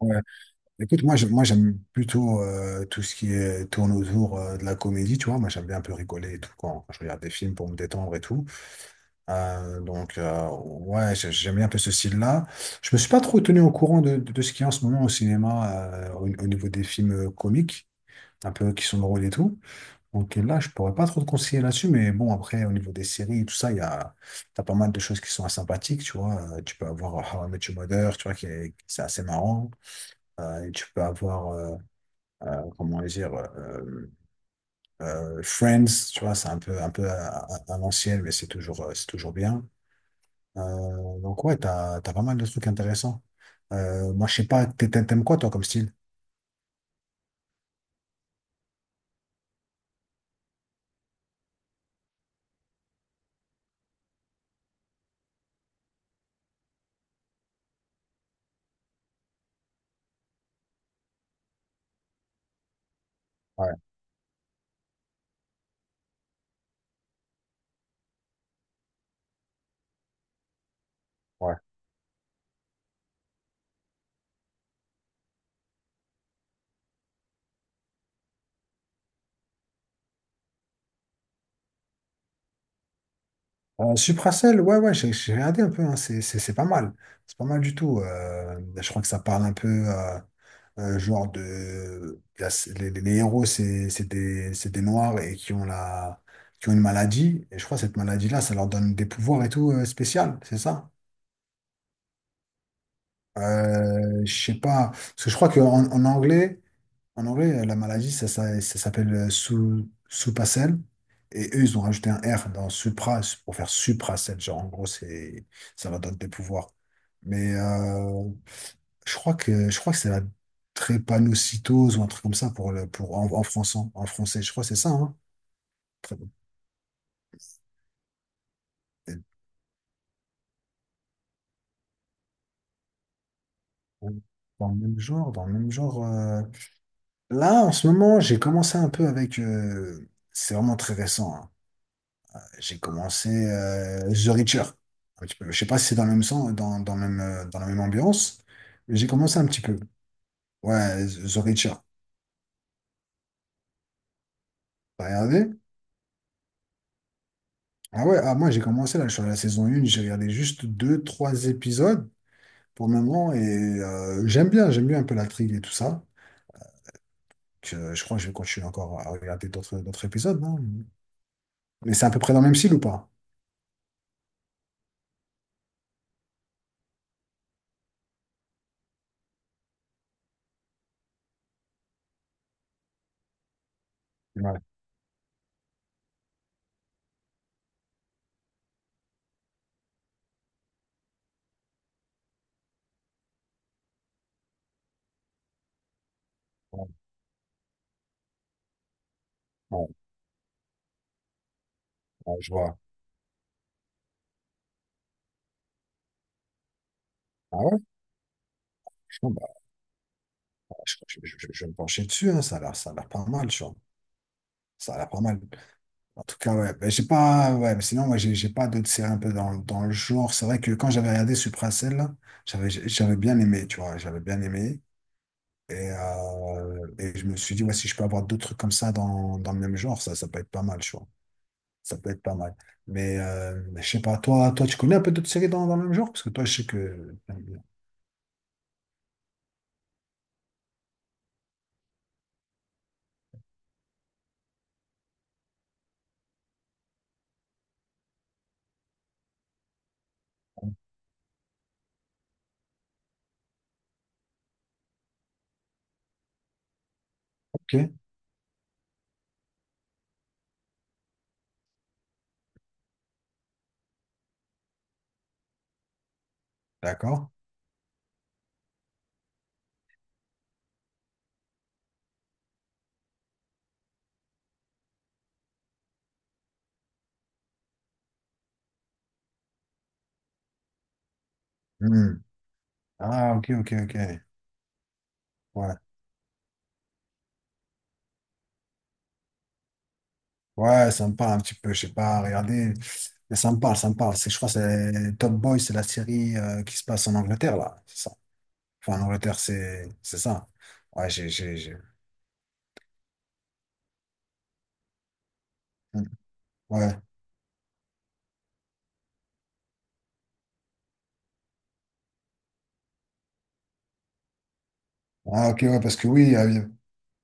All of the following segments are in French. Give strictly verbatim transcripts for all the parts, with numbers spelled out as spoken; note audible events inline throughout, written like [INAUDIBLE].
Ouais. Écoute, moi, je- moi j'aime plutôt euh, tout ce qui est, tourne autour euh, de la comédie, tu vois. Moi, j'aime bien un peu rigoler et tout quand, quand je regarde des films pour me détendre et tout. Euh, donc, euh, ouais, j'ai- j'aime bien un peu ce style-là. Je me suis pas trop tenu au courant de, de, de ce qu'il y a en ce moment au cinéma, euh, au, au niveau des films euh, comiques, un peu qui sont drôles et tout. Donc là, je pourrais pas trop te conseiller là-dessus, mais bon, après, au niveau des séries et tout ça, il y a, t'as pas mal de choses qui sont sympathiques, tu vois. Euh, tu peux avoir euh, How I Met Your Mother, tu vois, qui est, c'est assez marrant. Euh, et tu peux avoir, euh, euh, comment dire, euh, euh, Friends, tu vois, c'est un peu, un peu à, à- à l'ancienne, mais c'est toujours, euh, c'est toujours bien. Euh, donc ouais, t'as, t'as pas mal de trucs intéressants. Euh, moi, je sais pas, t'aimes t'aimes quoi, toi, comme style? Ouais, ouais. Euh, Supracelle, ouais, ouais, j'ai j'ai regardé un peu, hein, c'est c'est- c'est pas mal. C'est pas mal du tout. Euh, je crois que ça parle un peu, euh, un genre de. la- les, les- les héros, c'est c'est des, c'est des noirs et qui ont la, qui ont une maladie. Et je crois que cette maladie-là, ça leur donne des pouvoirs et tout, euh, spécial, c'est ça? Euh, je sais pas. Parce que je crois qu'en en en anglais. En anglais, euh, la maladie, ça, ça, ça s'appelle, euh, sous, soupacelle. Et eux, ils ont rajouté un R dans supra pour faire supracelle. Genre, en gros, c'est, ça leur donne des pouvoirs. Mais euh, je crois que, je crois que c'est la trépanocytose ou un truc comme ça pour le, pour, en, en français. En français, je crois que c'est ça. Hein. Très- Dans le même genre, dans le même genre. euh. Là, en ce moment, j'ai commencé un peu avec. Euh, c'est vraiment très récent. Hein. J'ai commencé, euh, The Reacher. Un petit peu. Je sais pas si c'est dans le même sens, dans, dans le même, euh, dans la même ambiance, mais j'ai commencé un petit peu. Ouais, The Reacher. T'as regardé? Ah ouais, ah, moi j'ai commencé là, je suis à la saison un, j'ai regardé juste deux trois épisodes pour le moment et, euh, j'aime bien, j'aime bien un peu l'intrigue et tout ça. Donc, euh, je crois que je vais continuer encore à regarder d'autres d'autres épisodes, non? Mais c'est à peu près dans le même style ou pas? Ouais, ouais, ouais, ouais, je vois. Ah ouais? Je, bon, bah, je, je- je- je vais me pencher dessus, hein, ça a l'air, ça a l'air pas mal, tu vois. Ça a l'air pas mal. En tout cas, ouais. Ben, j'ai pas, ouais, mais sinon, moi, j'ai j'ai pas d'autres séries un peu dans, dans Et, euh, et je me suis dit, ouais, si je peux avoir d'autres trucs comme ça dans, dans le même genre, ça, ça peut être pas mal, tu vois. Ça peut être pas mal. Mais, euh, je sais pas, toi, toi, tu connais un peu d'autres séries dans, dans le même genre? Parce que toi, je sais que t'aimes bien. Ok, d'accord. Hmm. Ah, ok, ok, ok. Ouais. Ouais, ça me parle un petit peu, je sais pas, regardez. Mais ça me parle, ça me parle. C'est, je crois que c'est Top Boy, c'est la série, euh, qui se passe en Angleterre, là. C'est ça. Enfin, en Angleterre, c'est c'est ça. Ouais, j'ai. j'ai- j'ai- Hmm. Ouais. Ah, ok, ouais, parce que oui, euh,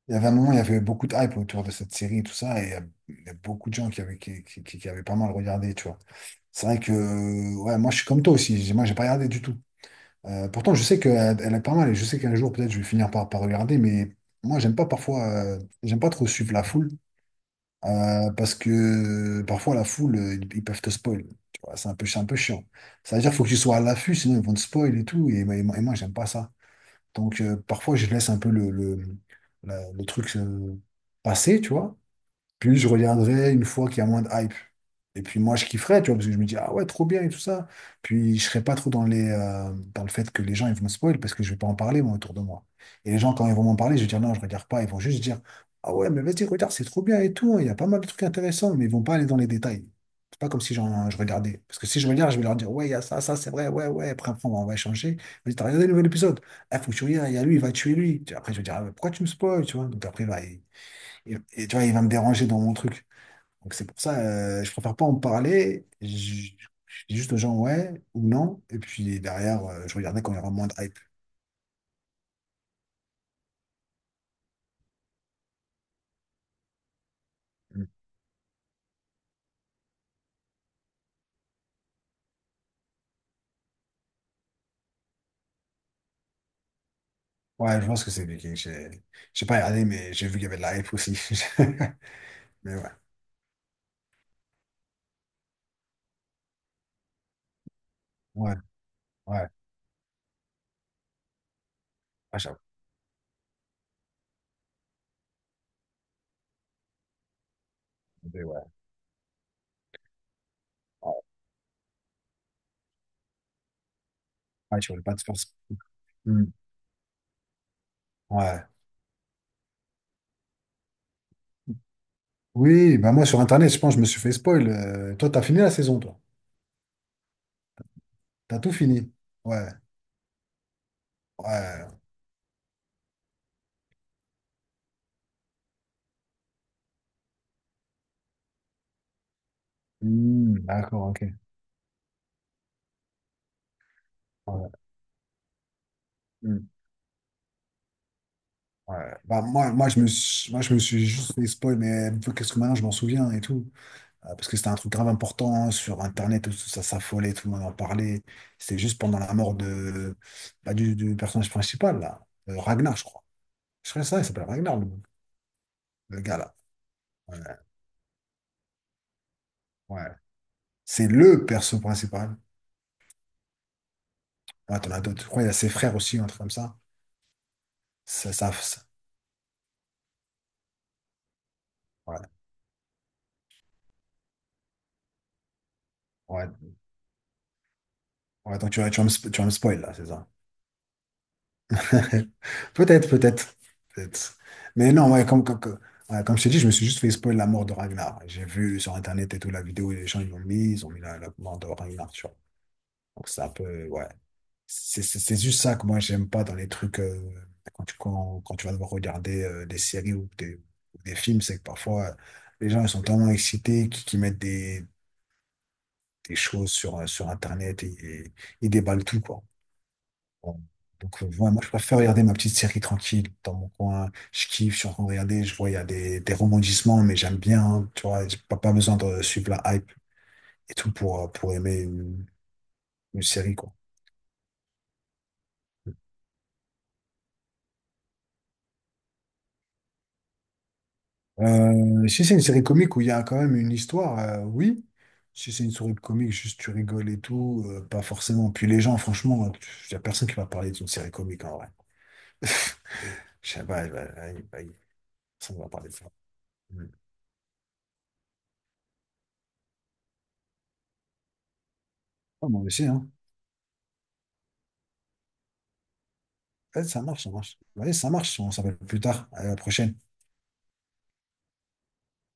il y avait un moment, il y avait beaucoup de hype autour de cette série et tout ça, et il il y a beaucoup de gens qui avaient, qui, qui, qui- qui avaient pas mal regardé, tu vois. C'est vrai que, euh, ouais, moi, je suis comme toi aussi, j'ai- moi, j'ai pas regardé du tout. Euh, pourtant, je sais qu'elle elle est pas mal, et je sais qu'un jour, peut-être, je vais finir par, par regarder, mais moi, j'aime pas parfois, euh, j'aime pas trop suivre la foule, euh, parce que parfois, la foule, euh, ils, ils peuvent te spoil, tu vois, c'est un peu, c'est un peu chiant. Ça veut dire qu'il faut que tu sois à l'affût, sinon ils vont te spoil et tout, et, moi- et moi, et moi, j'aime pas ça. Donc, euh, parfois, je laisse un peu le, le, la- le truc, euh, passer, tu vois. Puis je regarderai une fois qu'il y a moins de hype. Et puis moi, je kifferais, tu vois, parce que je me dis, ah ouais, trop bien et tout ça. Puis je serais pas trop dans les, euh, dans le fait que les gens, ils vont me spoil parce que je vais pas en parler, moi, autour de moi. Et les gens, quand ils vont m'en parler, je vais dire, non, je regarde pas. Ils vont juste dire, ah ouais, mais vas-y, regarde, c'est trop bien et tout. Hein. Il y a pas mal de trucs intéressants, mais ils vont pas aller dans les détails. C'est pas comme si j'en, je regardais. Parce que si je regarde, je vais leur dire, ouais, il y a ça, ça, c'est vrai, ouais, ouais. Après, après, on va on va échanger. Je vais dire, t'as regardé le nouvel épisode? Ah, faut que tu regardes, il y a lui, il va tuer lui. Après, je vais dire, ah, mais pourquoi tu me spoil, tu vois? Donc après, bah, et, et tu vois, il va me déranger dans mon truc. Donc c'est pour ça, euh, je préfère pas en parler. Je, je dis juste aux gens ouais ou non. Et puis derrière, euh, je regardais quand il y aura moins de hype. Mm. Ouais, je pense que c'est compliqué. J'ai j'ai pas regardé, mais j'ai vu qu'il y avait de la hype aussi. [LAUGHS] Mais ouais, ouais, ouais. Ah, j'avoue. Mais ouais. Ouais, ouais, je voulais pas te faire ça. Mm. Ouais. Oui, bah moi sur Internet, je pense que je me suis fait spoil. Euh, toi, t'as fini la saison, toi. T'as tout fini. Ouais, ouais. Mm, d'accord, ok. Ouais. Mm. Ouais. Bah, moi, moi, je me suis, moi, je me suis juste fait spoil, mais qu'est-ce que maintenant je m'en souviens et tout. Euh, parce que c'était un truc grave important, hein, sur Internet, tout ça s'affolait, tout le monde en parlait. C'était juste pendant la mort de, bah, du, du personnage principal, là. Euh, Ragnar, je crois. Je crois que c'est ça, il s'appelle Ragnar, le, le gars, là. Ouais, ouais. C'est le perso principal. Ouais, t'en as d'autres. Je crois qu'il y a ses frères aussi, un truc comme ça. Ça, ça, ça- Ouais. Ouais. Ouais, donc tu vas, tu vas me, spo- tu vas me spoil, là, c'est ça. [LAUGHS] Peut-être, peut-être, peut-être. Mais non, ouais, comme, comme, comme, ouais, comme je t'ai dit, je me suis juste fait spoil la mort de Ragnar. J'ai vu sur Internet et tout la vidéo et les gens, ils l'ont mis, ils ont mis la, la mort de Ragnar, tu vois. Donc c'est un peu, ouais. C'est c'est- c'est juste ça que moi j'aime pas dans les trucs, euh, quand tu, quand, quand tu vas devoir regarder, euh, des séries ou des, ou des films, c'est que parfois, euh, les gens ils sont tellement excités qu'ils qu'ils mettent des, des choses sur, euh, sur Internet et et ils déballent tout, quoi. Bon. Donc, euh, ouais, moi, je préfère regarder ma petite série tranquille dans mon coin. Je kiffe, je suis en train de regarder, je vois, il y a des, des rebondissements, mais j'aime bien, hein, tu vois, j'ai pas, pas besoin de suivre la hype et tout pour, euh, pour aimer une, une série, quoi. Euh, si c'est une série comique où il y a quand même une histoire, euh, oui. Si c'est une série comique, juste tu rigoles et tout, euh, pas forcément. Puis les gens, franchement, il y a personne qui va parler d'une série comique en vrai. [LAUGHS] Je sais pas, il va- il va- il- personne ne va parler de ça. Mm. Ah, moi aussi, hein. Vas, ça marche, ça marche. Vas-y, ça marche. On s'appelle plus tard. À la prochaine.